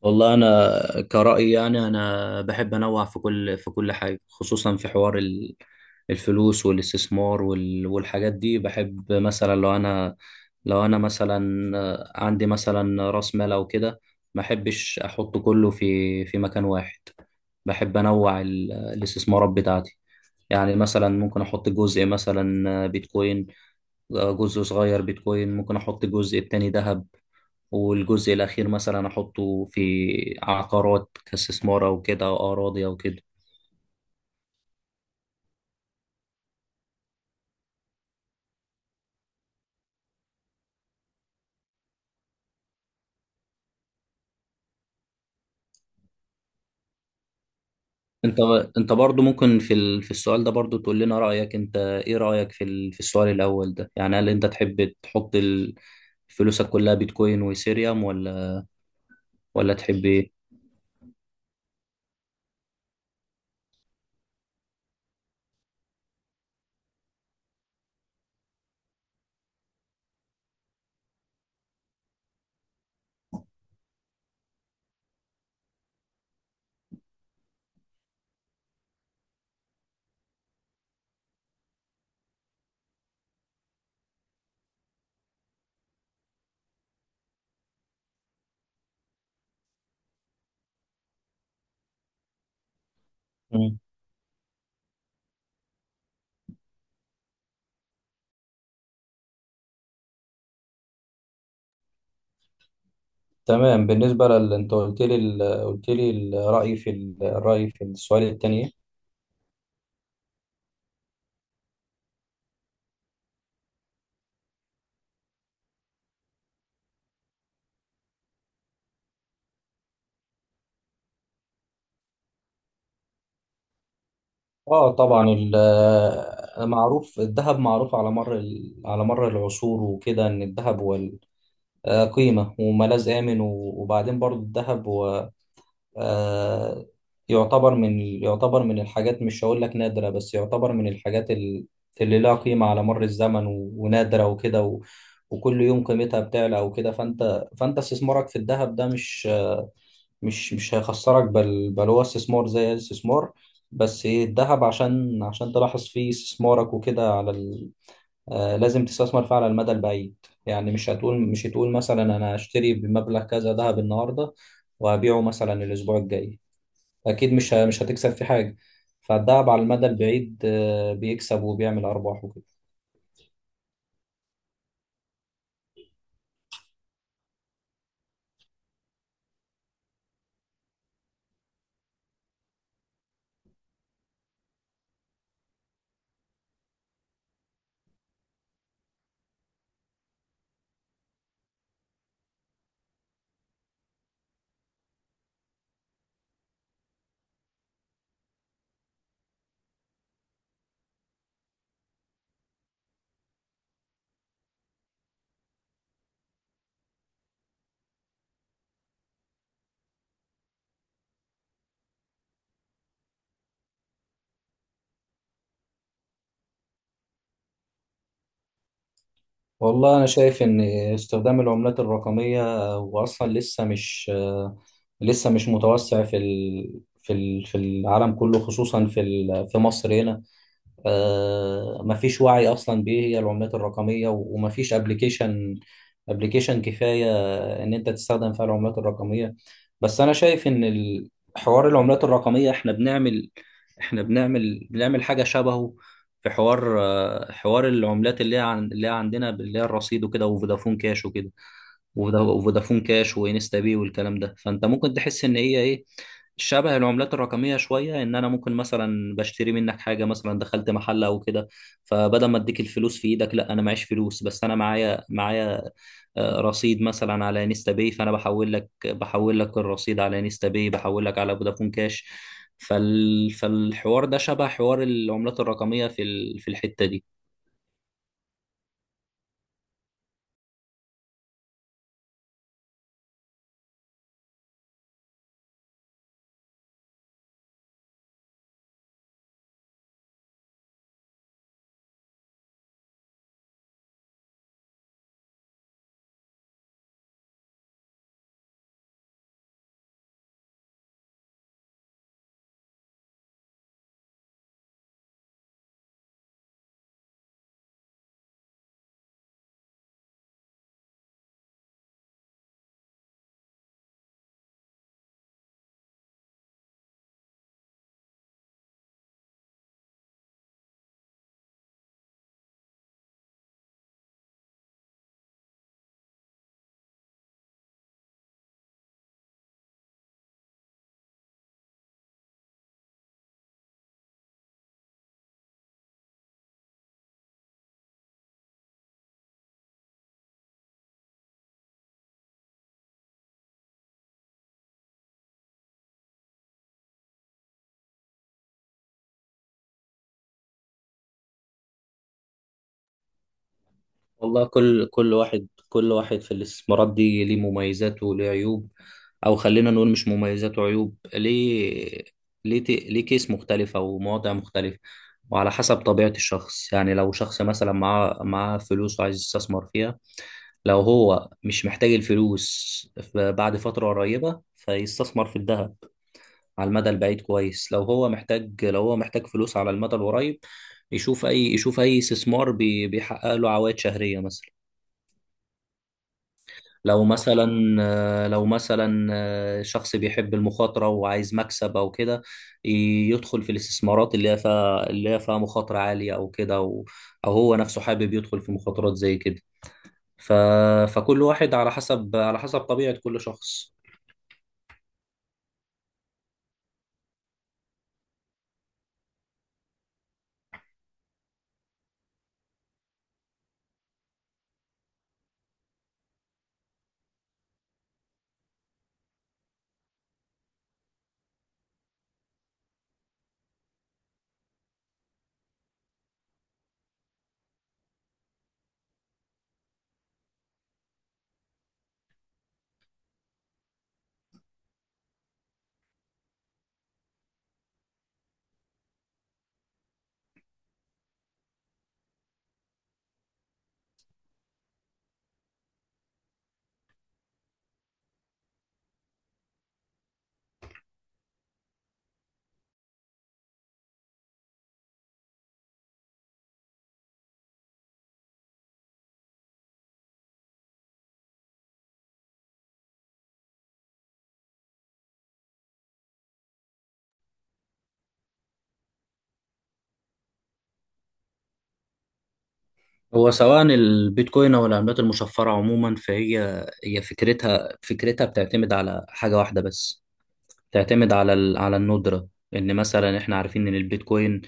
والله انا كرأيي يعني انا بحب انوع في كل حاجه، خصوصا في حوار الفلوس والاستثمار والحاجات دي. بحب مثلا لو انا مثلا عندي مثلا راس مال او كده، ما احبش احط كله في مكان واحد. بحب انوع الاستثمارات بتاعتي. يعني مثلا ممكن احط جزء مثلا بيتكوين، جزء صغير بيتكوين، ممكن احط الجزء التاني ذهب، والجزء الاخير مثلا احطه في عقارات كاستثمار او كده، او اراضي او كده. انت انت برضو ممكن في السؤال ده برضو تقول لنا رايك، انت ايه رايك في السؤال الاول ده؟ يعني هل انت تحب تحط فلوسك كلها بيتكوين وايثيريوم، ولا تحب ايه؟ مم. تمام. بالنسبة انت قلت لي الرأي الرأي في السؤال الثاني. اه، طبعا معروف الذهب، معروف على مر العصور وكده، ان الذهب هو قيمة وملاذ آمن. وبعدين برضو الذهب هو آه، يعتبر من الحاجات، مش هقول لك نادرة، بس يعتبر من الحاجات اللي لها قيمة على مر الزمن، ونادرة وكده، وكل يوم قيمتها بتعلى وكده. فانت استثمارك في الذهب ده مش هيخسرك، بل هو استثمار زي أي استثمار. بس ايه، الذهب، عشان تلاحظ فيه استثمارك وكده على ال... آه لازم تستثمر فيه على المدى البعيد. يعني مش هتقول مثلا انا هشتري بمبلغ كذا ذهب النهارده، وهبيعه مثلا الاسبوع الجاي، اكيد مش هتكسب في حاجه. فالذهب على المدى البعيد بيكسب وبيعمل ارباح. والله أنا شايف إن استخدام العملات الرقمية، وأصلا لسه مش متوسع في العالم كله، خصوصا في مصر هنا. ما فيش وعي اصلا بايه هي العملات الرقميه، وما فيش ابلكيشن كفايه ان انت تستخدم فيها العملات الرقميه. بس انا شايف ان حوار العملات الرقميه، احنا بنعمل حاجه شبهه في حوار، حوار العملات اللي هي عندنا، اللي هي الرصيد وكده، وفودافون كاش وكده، وفودافون كاش وانستا باي والكلام ده. فانت ممكن تحس ان هي ايه، شبه العملات الرقمية شوية، إن أنا ممكن مثلا بشتري منك حاجة، مثلا دخلت محل أو كده، فبدل ما أديك الفلوس في إيدك، لا، أنا معيش فلوس، بس أنا معايا رصيد مثلا على انستا باي، فأنا بحول لك الرصيد على انستا باي، بحول لك على فودافون كاش. فالحوار ده شبه حوار العملات الرقمية في الحتة دي. والله كل واحد في الاستثمارات دي ليه مميزات وليه عيوب، او خلينا نقول مش مميزات وعيوب، ليه كيس مختلفة ومواضع مختلفة. وعلى حسب طبيعة الشخص. يعني لو شخص مثلا معاه فلوس وعايز يستثمر فيها، لو هو مش محتاج الفلوس بعد فترة قريبة، فيستثمر في الذهب على المدى البعيد، كويس. لو هو محتاج فلوس على المدى القريب، يشوف اي استثمار بيحقق له عوائد شهرية مثلا. لو مثلا لو مثلا شخص بيحب المخاطرة وعايز مكسب أو كده، يدخل في الاستثمارات اللي هي فيها مخاطرة عالية أو كده، أو هو نفسه حابب يدخل في مخاطرات زي كده. ف... فكل واحد على حسب طبيعة كل شخص. هو سواء البيتكوين أو العملات المشفرة عموما فهي فكرتها بتعتمد على حاجة واحدة بس، تعتمد على الندرة. ان مثلا احنا عارفين ان البيتكوين،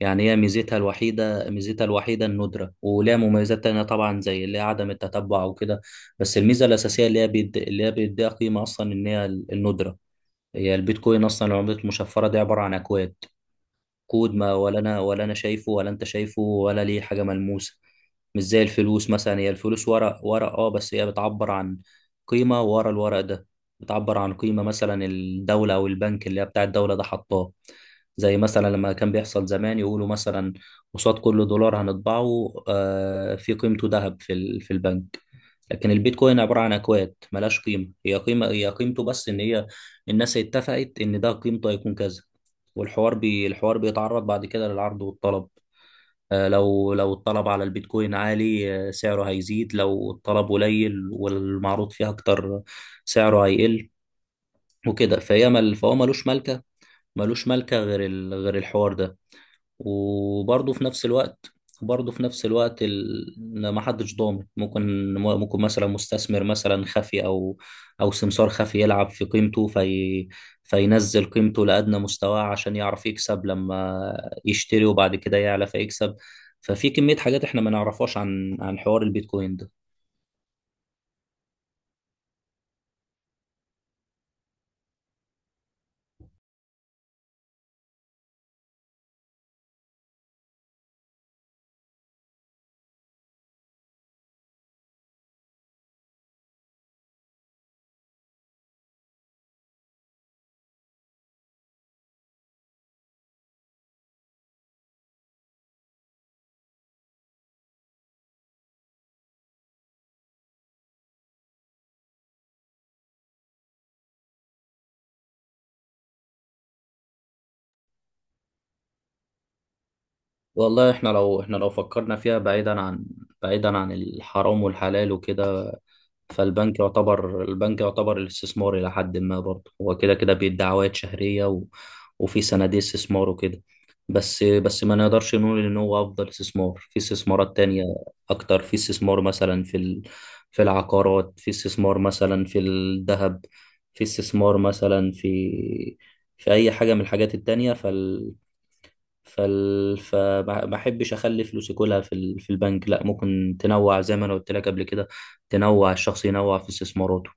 يعني هي ميزتها الوحيدة الندرة، ولها مميزات تانية طبعا، زي اللي هي عدم التتبع وكده. بس الميزة الأساسية اللي هي بيديها قيمة أصلا، إن هي الندرة. هي البيتكوين أصلا، العملة المشفرة دي عبارة عن أكواد، كود ما، ولا انا شايفه، ولا انت شايفه، ولا ليه حاجه ملموسه. مش زي الفلوس مثلا، هي الفلوس ورق ورق، اه، بس هي بتعبر عن قيمه ورا الورق ده، بتعبر عن قيمه مثلا الدوله او البنك اللي هي بتاع الدوله ده حطاه. زي مثلا لما كان بيحصل زمان يقولوا مثلا قصاد كل دولار هنطبعه في قيمته ذهب في البنك. لكن البيتكوين عبارة عن أكواد ملهاش قيمة، هي قيمته بس، إن هي الناس اتفقت إن ده قيمته هيكون كذا. والحوار بي الحوار بيتعرض بعد كده للعرض والطلب. لو الطلب على البيتكوين عالي، سعره هيزيد، لو الطلب قليل والمعروض فيها اكتر سعره هيقل وكده. فهي مل فهو ملوش ملكة غير الحوار ده. وبرضه في نفس الوقت إن ما حدش ضامن، ممكن مثلا مستثمر مثلا خفي، او سمسار خفي يلعب في قيمته فينزل قيمته لأدنى مستواه عشان يعرف يكسب لما يشتري، وبعد كده يعلى فيكسب. ففي كمية حاجات احنا ما نعرفهاش عن حوار البيتكوين ده. والله احنا لو فكرنا فيها بعيدا عن الحرام والحلال وكده، فالبنك يعتبر البنك يعتبر الاستثمار إلى حد ما، برضه هو كده كده بيدي عوائد شهرية، وفي صناديق استثمار وكده. بس ما نقدرش نقول إن هو أفضل استثمار، في استثمارات تانية أكتر، في استثمار مثلا في العقارات، في استثمار مثلا في الذهب، في استثمار مثلا في أي حاجة من الحاجات التانية. فال... فال... فما ما احبش اخلي فلوسي كلها في البنك، لا، ممكن تنوع زي ما انا قلت لك قبل كده، تنوع، الشخص ينوع في استثماراته.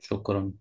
شكرا.